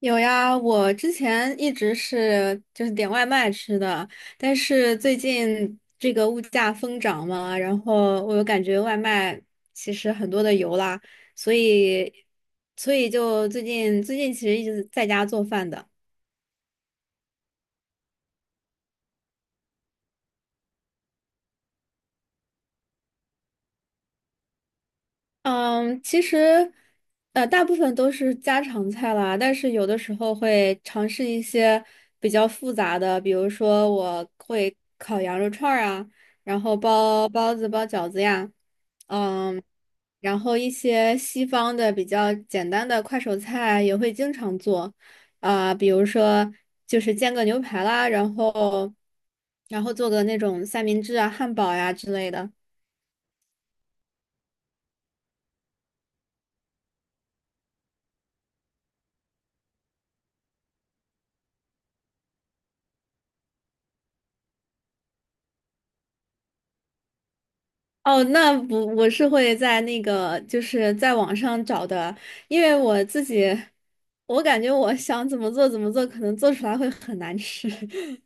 有呀，我之前一直是点外卖吃的，但是最近这个物价疯涨嘛，然后我又感觉外卖其实很多的油啦，所以所以就最近其实一直在家做饭的。嗯，其实，大部分都是家常菜啦，但是有的时候会尝试一些比较复杂的，比如说我会烤羊肉串儿啊，然后包包子、包饺子呀，嗯，然后一些西方的比较简单的快手菜也会经常做，啊、比如说就是煎个牛排啦，然后，然后做个那种三明治啊、汉堡呀之类的。哦，那不，我是会在那个，就是在网上找的，因为我自己，我感觉我想怎么做怎么做，可能做出来会很难吃。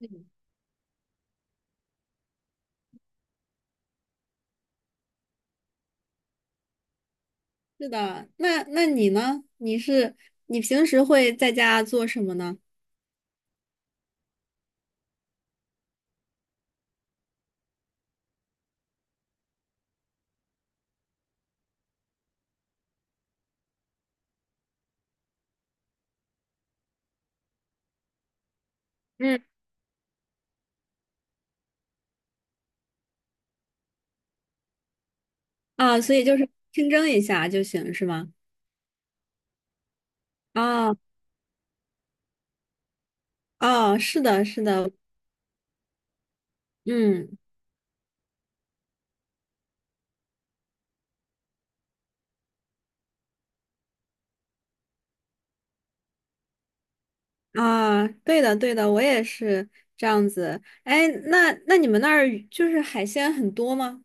嗯，是的，那那你呢？你是你平时会在家做什么呢？嗯，啊，所以就是清蒸一下就行，是吗？啊啊，是的，是的，嗯，啊，对的，对的，我也是这样子。哎，那那你们那儿就是海鲜很多吗？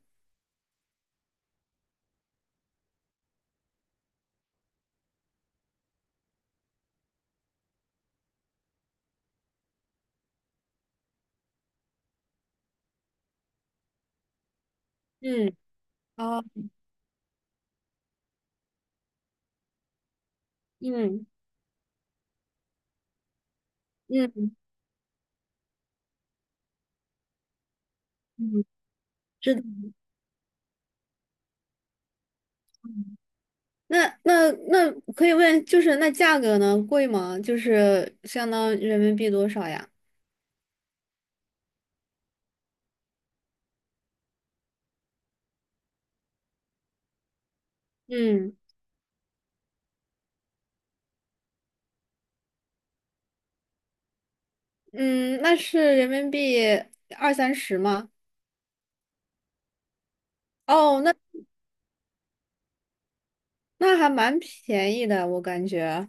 嗯，哦。嗯嗯嗯，知道。那那那可以问，就是那价格呢，贵吗？就是相当人民币多少呀？嗯嗯，那是人民币二三十吗？哦，那那还蛮便宜的，我感觉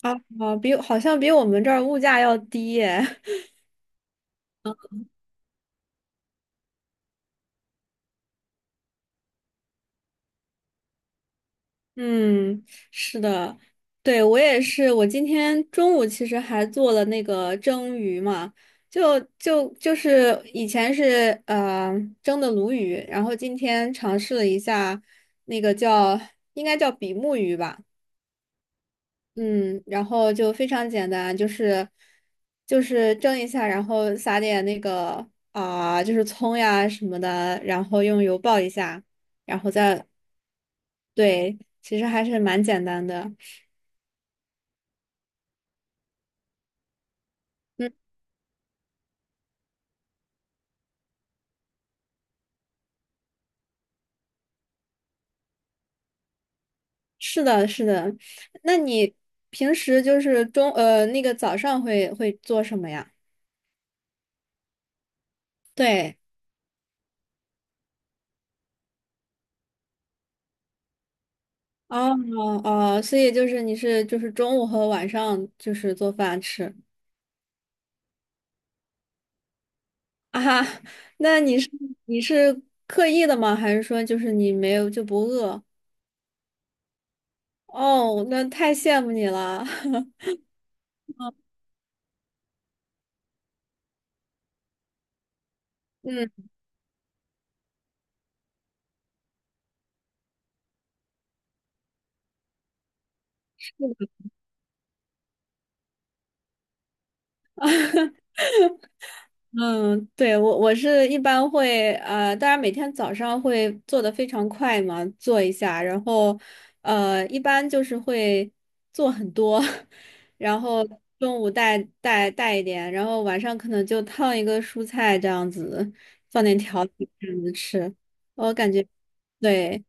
啊啊，比好像比我们这儿物价要低耶。嗯，是的，对，我也是。我今天中午其实还做了那个蒸鱼嘛，就是以前是蒸的鲈鱼，然后今天尝试了一下那个叫应该叫比目鱼吧，嗯，然后就非常简单，就是蒸一下，然后撒点那个啊、就是葱呀什么的，然后用油爆一下，然后再对，其实还是蛮简单的。嗯。是的，是的。那你平时就是那个早上会做什么呀？对，哦，哦，所以就是你是就是中午和晚上就是做饭吃啊？那你是你是刻意的吗？还是说就是你没有就不饿？哦，那太羡慕你了。嗯嗯，对，我我是一般会当然每天早上会做的非常快嘛，做一下，然后一般就是会做很多，然后中午带一点，然后晚上可能就烫一个蔬菜这样子，放点调料这样子吃，我感觉对，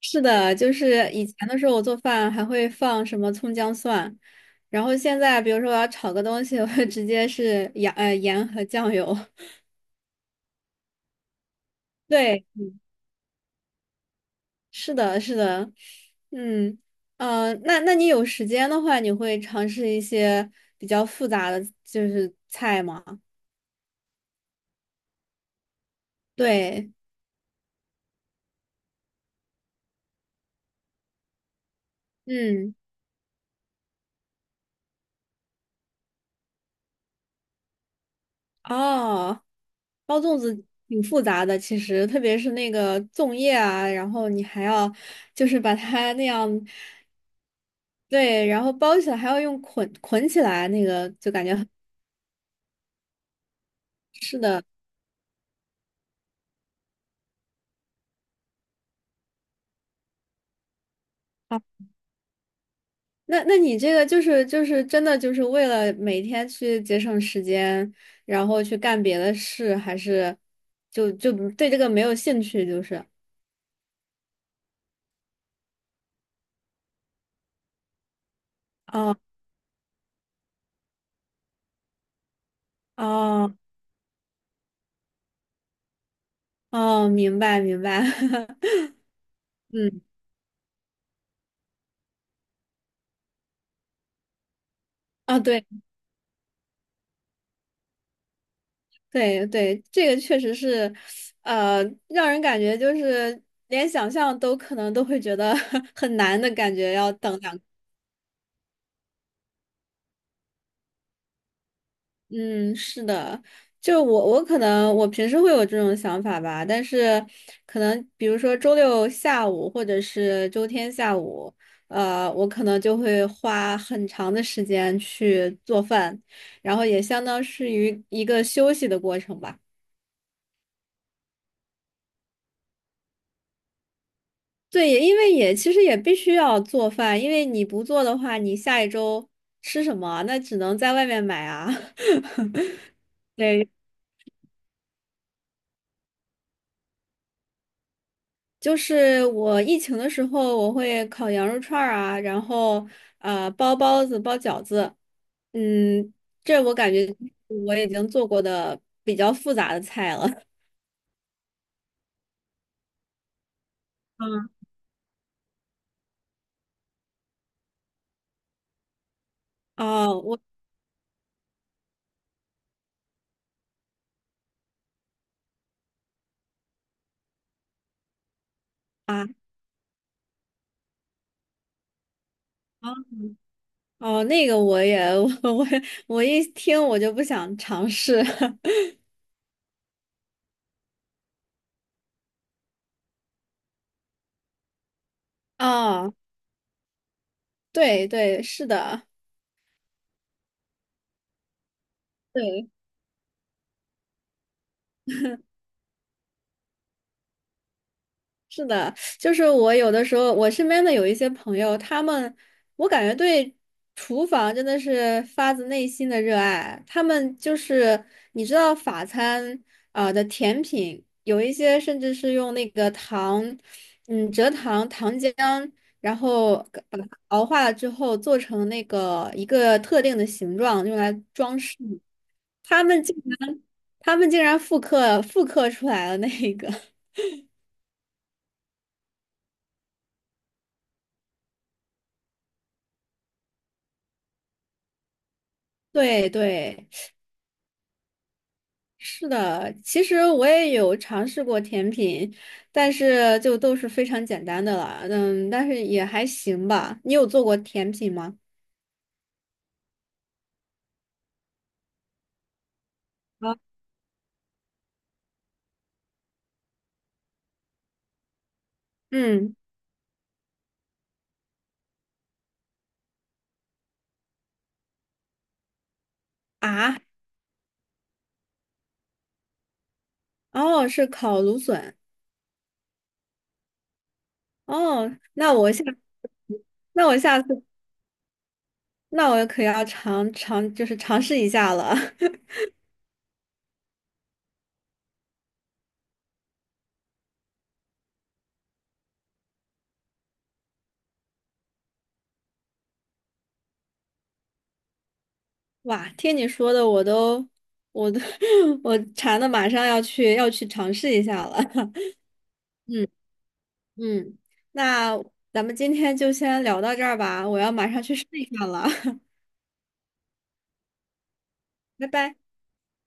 是的，就是以前的时候我做饭还会放什么葱姜蒜，然后现在比如说我要炒个东西，我会直接是 盐和酱油。对，是的，是的，嗯，那那你有时间的话，你会尝试一些比较复杂的就是菜吗？对，嗯，哦，包粽子挺复杂的，其实特别是那个粽叶啊，然后你还要就是把它那样，对，然后包起来还要用捆起来，那个就感觉很的那那你这个就是就是真的就是为了每天去节省时间，然后去干别的事，还是就就对这个没有兴趣？就是哦，哦，哦，明白明白，嗯啊，对对对，这个确实是，呃，让人感觉就是连想象都可能都会觉得 很难的感觉，要等两。嗯，是的，就我我可能我平时会有这种想法吧，但是可能比如说周六下午或者是周天下午，我可能就会花很长的时间去做饭，然后也相当是于一个休息的过程吧。对，也因为也其实也必须要做饭，因为你不做的话，你下一周吃什么啊？那只能在外面买啊。对。就是我疫情的时候，我会烤羊肉串儿啊，然后包包子、包饺子，嗯，这我感觉我已经做过的比较复杂的菜了。嗯，哦，我啊，哦，哦，那个我也 我我一听我就不想尝试。啊，对对，是的。对。是的，就是我有的时候，我身边的有一些朋友，他们，我感觉对厨房真的是发自内心的热爱。他们就是，你知道法餐啊、的甜品，有一些甚至是用那个糖，嗯，蔗糖、糖浆，然后把它熬化了之后，做成那个一个特定的形状，用来装饰。他们竟然，他们竟然复刻出来了那个，对对。是的，其实我也有尝试过甜品，但是就都是非常简单的了，嗯，但是也还行吧。你有做过甜品吗？啊，嗯啊，哦，是烤芦笋，哦，那我下，那我下次，那我可要尝尝，就是尝试一下了。哇，听你说的，我都，我都，我馋的马上要去尝试一下了。嗯，那咱们今天就先聊到这儿吧，我要马上去试一下了，拜拜。